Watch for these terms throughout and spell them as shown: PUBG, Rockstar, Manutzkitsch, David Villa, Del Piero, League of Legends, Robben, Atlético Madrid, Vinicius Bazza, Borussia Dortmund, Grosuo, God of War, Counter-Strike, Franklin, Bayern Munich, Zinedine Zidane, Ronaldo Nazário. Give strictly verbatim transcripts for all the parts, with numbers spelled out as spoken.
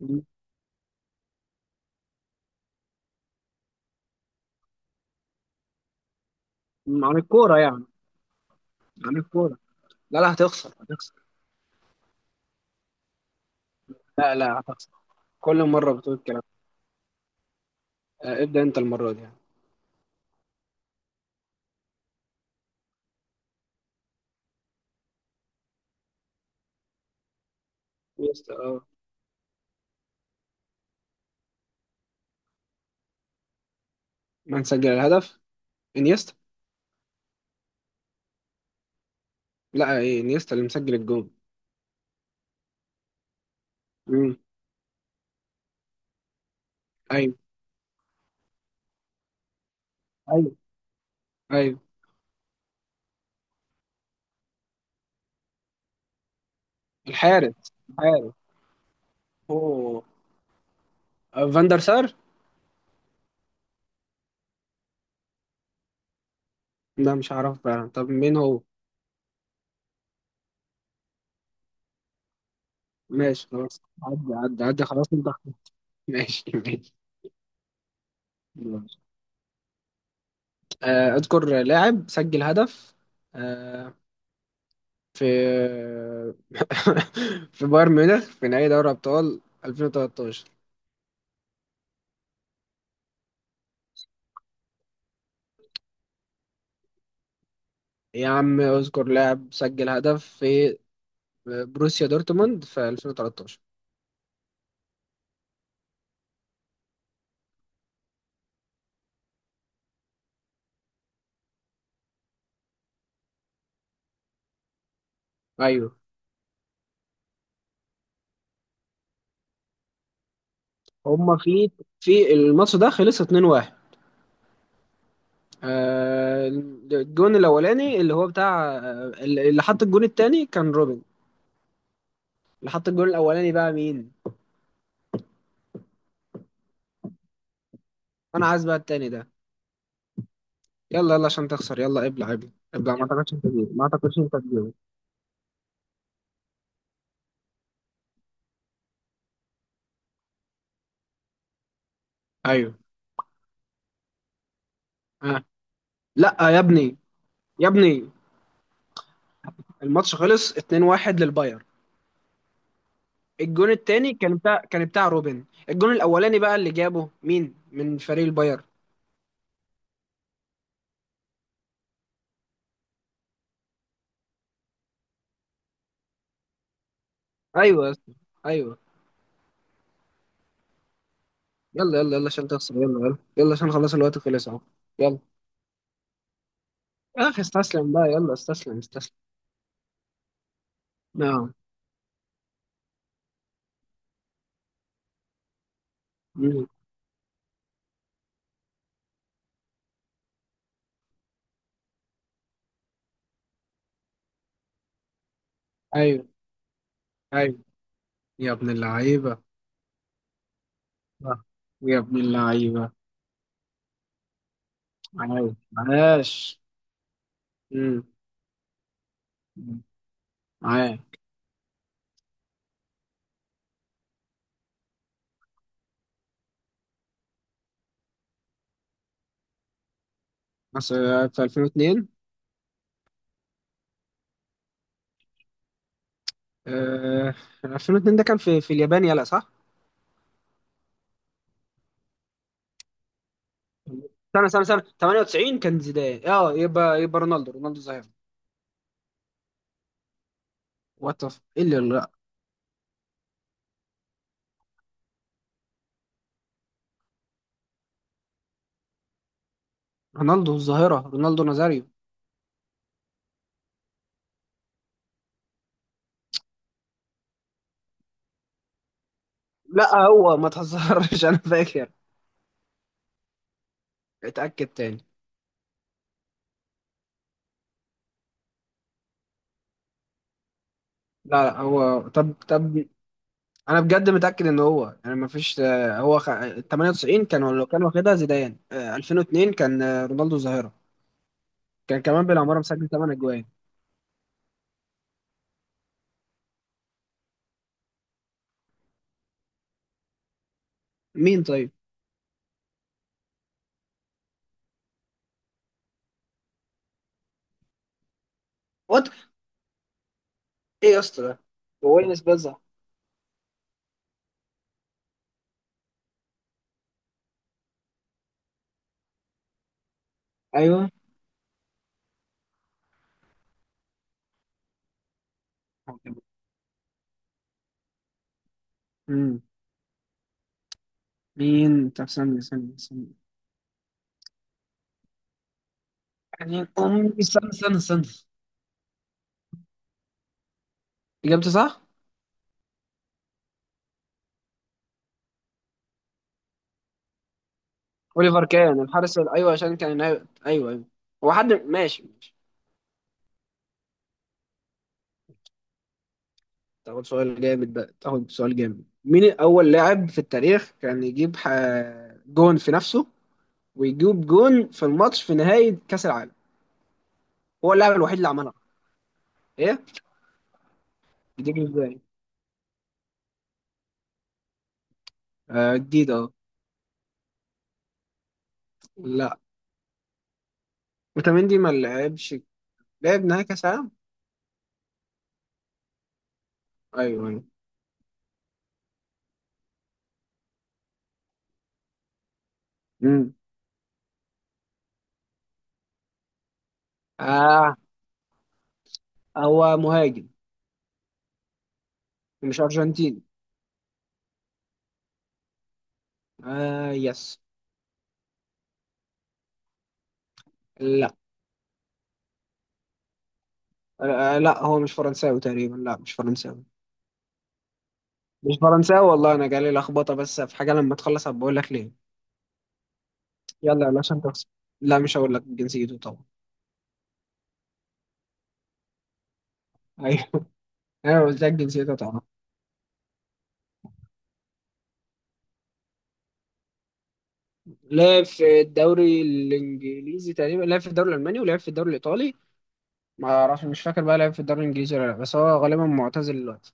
م- عن الكورة يعني عن الكورة. لا لا، هتخسر هتخسر. لا لا هتخسر، كل مرة بتقول الكلام ده. آه، ابدأ أنت المرة دي يعني. انيستا اه. من سجل الهدف؟ انيستا. لا ايه، انيستا اللي مسجل الجول. امم. ايوه. ايوه. ايوه. الحارس الحارس. اوه. آه، فاندر سار. لا مش هعرف بقى، طب مين هو؟ ماشي خلاص، عدي عدي عدي، خلاص انت. ماشي ماشي. ماشي. آه، اذكر لاعب سجل هدف آه، في في بايرن ميونخ في نهائي دوري أبطال ألفين وثلاثة عشر. يا عم اذكر لاعب سجل هدف في بروسيا دورتموند في ألفين وتلتاشر. أيوه. هما في في الماتش ده خلص اتنين واحد. آه، الجون الأولاني اللي هو بتاع آه، اللي حط الجون التاني كان روبن. اللي حط الجون الأولاني بقى مين؟ أنا عايز بقى التاني ده. يلا يلا عشان تخسر، يلا ابلع ابلع ابلع. ما اعتقدش انت تجيب، ما اعتقدش انت تجيب. ايوه. آه. لا، آه، يا ابني يا ابني، الماتش خلص اثنين واحد للباير. الجون التاني كان بتاع كان بتاع روبن، الجون الاولاني بقى اللي جابه مين من فريق الباير؟ ايوه يا اسطى، ايوه. يلا يلا يلا عشان تخسر، يلا يلا يلا عشان خلاص الوقت خلص اهو. يلا. اخ استسلم بقى، يلا استسلم استسلم. نعم. مم. ايوه. ايوه. يا ابن اللعيبه. آه. يا ابن اللعيبه. عاش عاش. مم. مم. عاش. أصل في ألفين واتنين. آه، ألفين واتنين ده كان في في اليابان، يلا صح؟ سنة سنة سنة تمانية وتسعين كان زيدان، اه، يبقى يبقى رونالدو، رونالدو الظاهرة. وات، ايه اللي لا؟ رونالدو الظاهرة، رونالدو نازاريو. لا هو ما تهزرش، انا فاكر. اتأكد تاني. لا لا، هو طب طب، انا بجد متأكد ان هو يعني ما فيش، آه، هو خ... تمانية وتسعين كان لو كان واخدها زيدان، آه، ألفين واتنين كان آه، رونالدو الظاهرة. كان كمان بالعمارة مسجل تمانية اجوان. مين طيب؟ وات، ايه يا اسطى ده؟ هو وينس بازا. ايوه. مم. مين طب؟ استنى استنى استنى. يعني أم- استنى استنى استنى. إجابته صح؟ أوليفر كان الحارس ال- أيوه عشان كان نايم. أيوه أيوه. هو حد ماشي ماشي. تاخد سؤال جامد بقى، تاخد سؤال جامد. مين أول لاعب في التاريخ كان يجيب ح... جون في نفسه ويجيب جون في الماتش في نهاية كأس العالم؟ هو اللاعب الوحيد اللي عملها. إيه؟ جديد إزاي؟ آه جديد أه. لا، وتمندي ما لعبش، لعب نهائي كأس العالم؟ أيوه أيوه. مم. آه، هو مهاجم، مش أرجنتيني. آه يس. آه، لا هو مش فرنساوي تقريبا، لا مش فرنساوي. مش فرنساوي والله، انا جالي لخبطه، بس في حاجه لما تخلص هبقى اقول لك ليه. يلا يلا عشان تخسر. لا مش هقول لك جنسيته طبعا. ايوه. انا قلت لك جنسيته طبعا. لعب في الدوري الانجليزي تقريبا، لعب في الدوري الالماني، ولعب في الدوري الايطالي. ما اعرفش، مش فاكر بقى لعب في الدوري الانجليزي ولا لا، بس هو غالبا معتزل دلوقتي.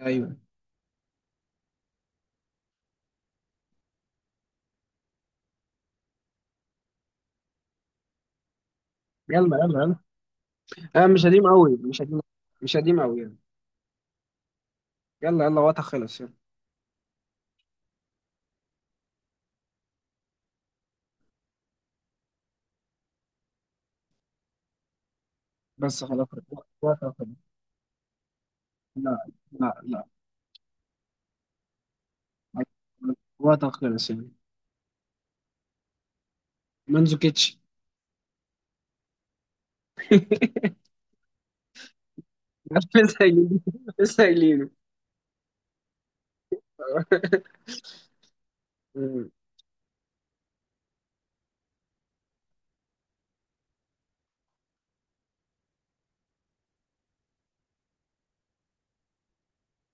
ايوه. يلا يلا يلا. آه مش قديم قوي، مش قديم. مش قديم قوي يعني. يلا يلا، وقتها خلص يلا. بس خلاص، وقتها خلص. لا. لا لا. وقتها خلص يعني. مانزوكيتش. عارف لسه قايلينه، لسه قايلينه. أمم.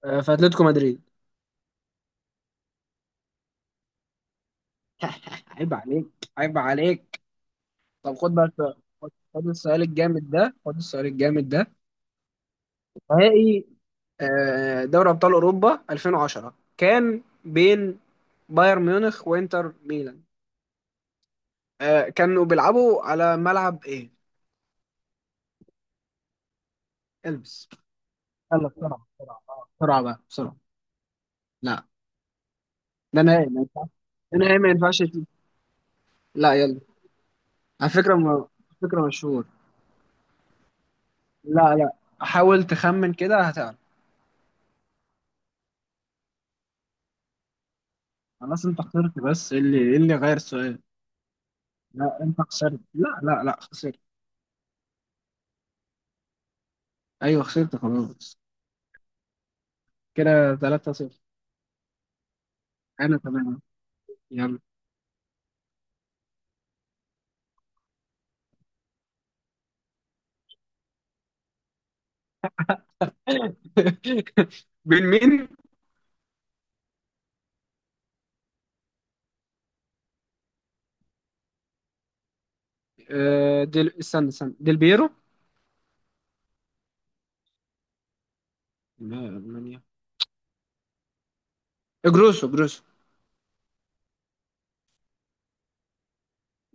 آه، في اتلتيكو مدريد. عيب عليك. عيب عليك. طب خد بقى السؤال. خد خد السؤال الجامد ده، خد السؤال الجامد ده. نهائي آه، دوري ابطال اوروبا ألفين وعشرة كان بين بايرن ميونخ وانتر ميلان، آه، كانوا بيلعبوا على ملعب ايه؟ البس. يلا بسرعه بسرعه، آه، بسرعه بقى بسرعه. لا، ده نهائي ما ينفعش، ده نهائي ما ينفعش. لا يلا. على فكرة م... على فكرة مشهور. لا لا. حاول تخمن كده هتعرف. خلاص انت خسرت، بس إيه اللي إيه اللي غير السؤال؟ لا انت خسرت، لا لا لا خسرت. ايوه خسرت خلاص. كده تلاتة صفر. انا تمام. يلا. بين مين؟ آه ديل، استنى استنى، ديل بيرو. لا، المانيا. جروسو جروسو.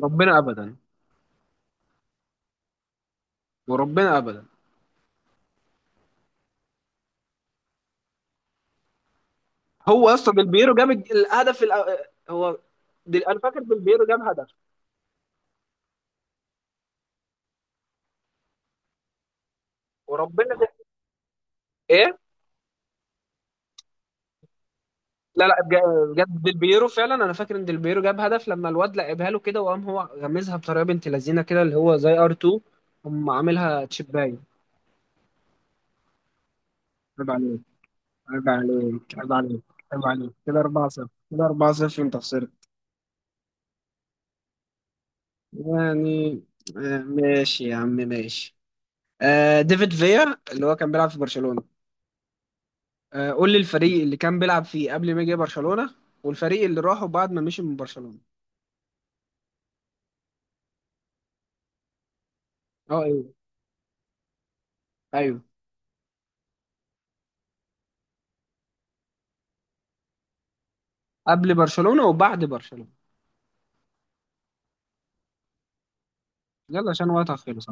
ربنا ابدا. وربنا ابدا. هو اصلا ديل بيرو جاب الهدف الأ- هو ديل، انا فاكر ديل بيرو جاب هدف. وربنا ده. ايه؟ لا لا، بج- بجد ديلبيرو فعلا، انا فاكر ان ديلبيرو جاب هدف لما الواد لعبها له كده وقام هو غمزها بطريقه بنت لذينه كده، اللي هو زي ار اتنين، قام عاملها تشيباي. عيب عليك، عيب عليك، عيب عليك، عيب عليك. كده اربعة صفر، كده اربعة صفر، انت خسرت يعني. آه، ماشي يا عم، ماشي. آه ديفيد فيا، اللي هو كان بيلعب في برشلونه. آه قول لي الفريق اللي كان بيلعب فيه قبل ما يجي برشلونه، والفريق اللي راحوا بعد ما مشي من برشلونه. اه. ايوه ايوه. قبل برشلونه وبعد برشلونه. يلا عشان وقتها خلص.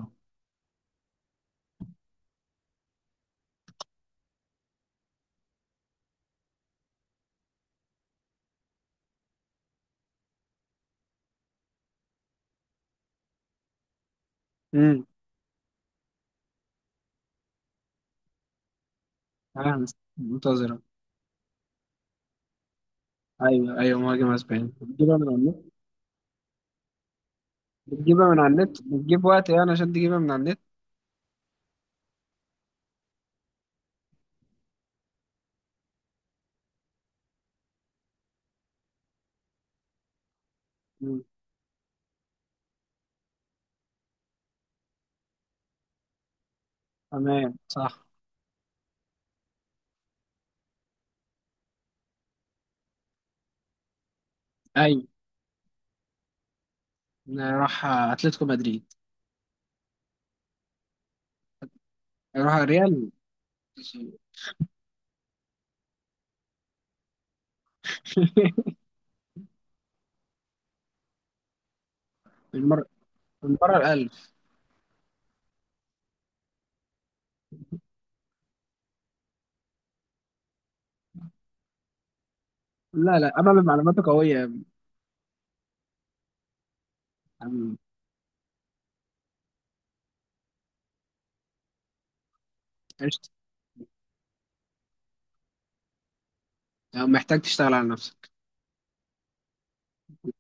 امم. فاهم. منتظرة. ايوه ايوه، مهاجم اسباني بتجيبها من على النت. بتجيبها من على النت، بتجيب وقت يعني عشان تجيبها من على النت. مم. تمام صح. ايوه راح اتلتيكو مدريد. راح ريال. المرة، المرة الألف. لا لا، أمل معلوماته قوية يا عم. قشطة. محتاج تشتغل على نفسك.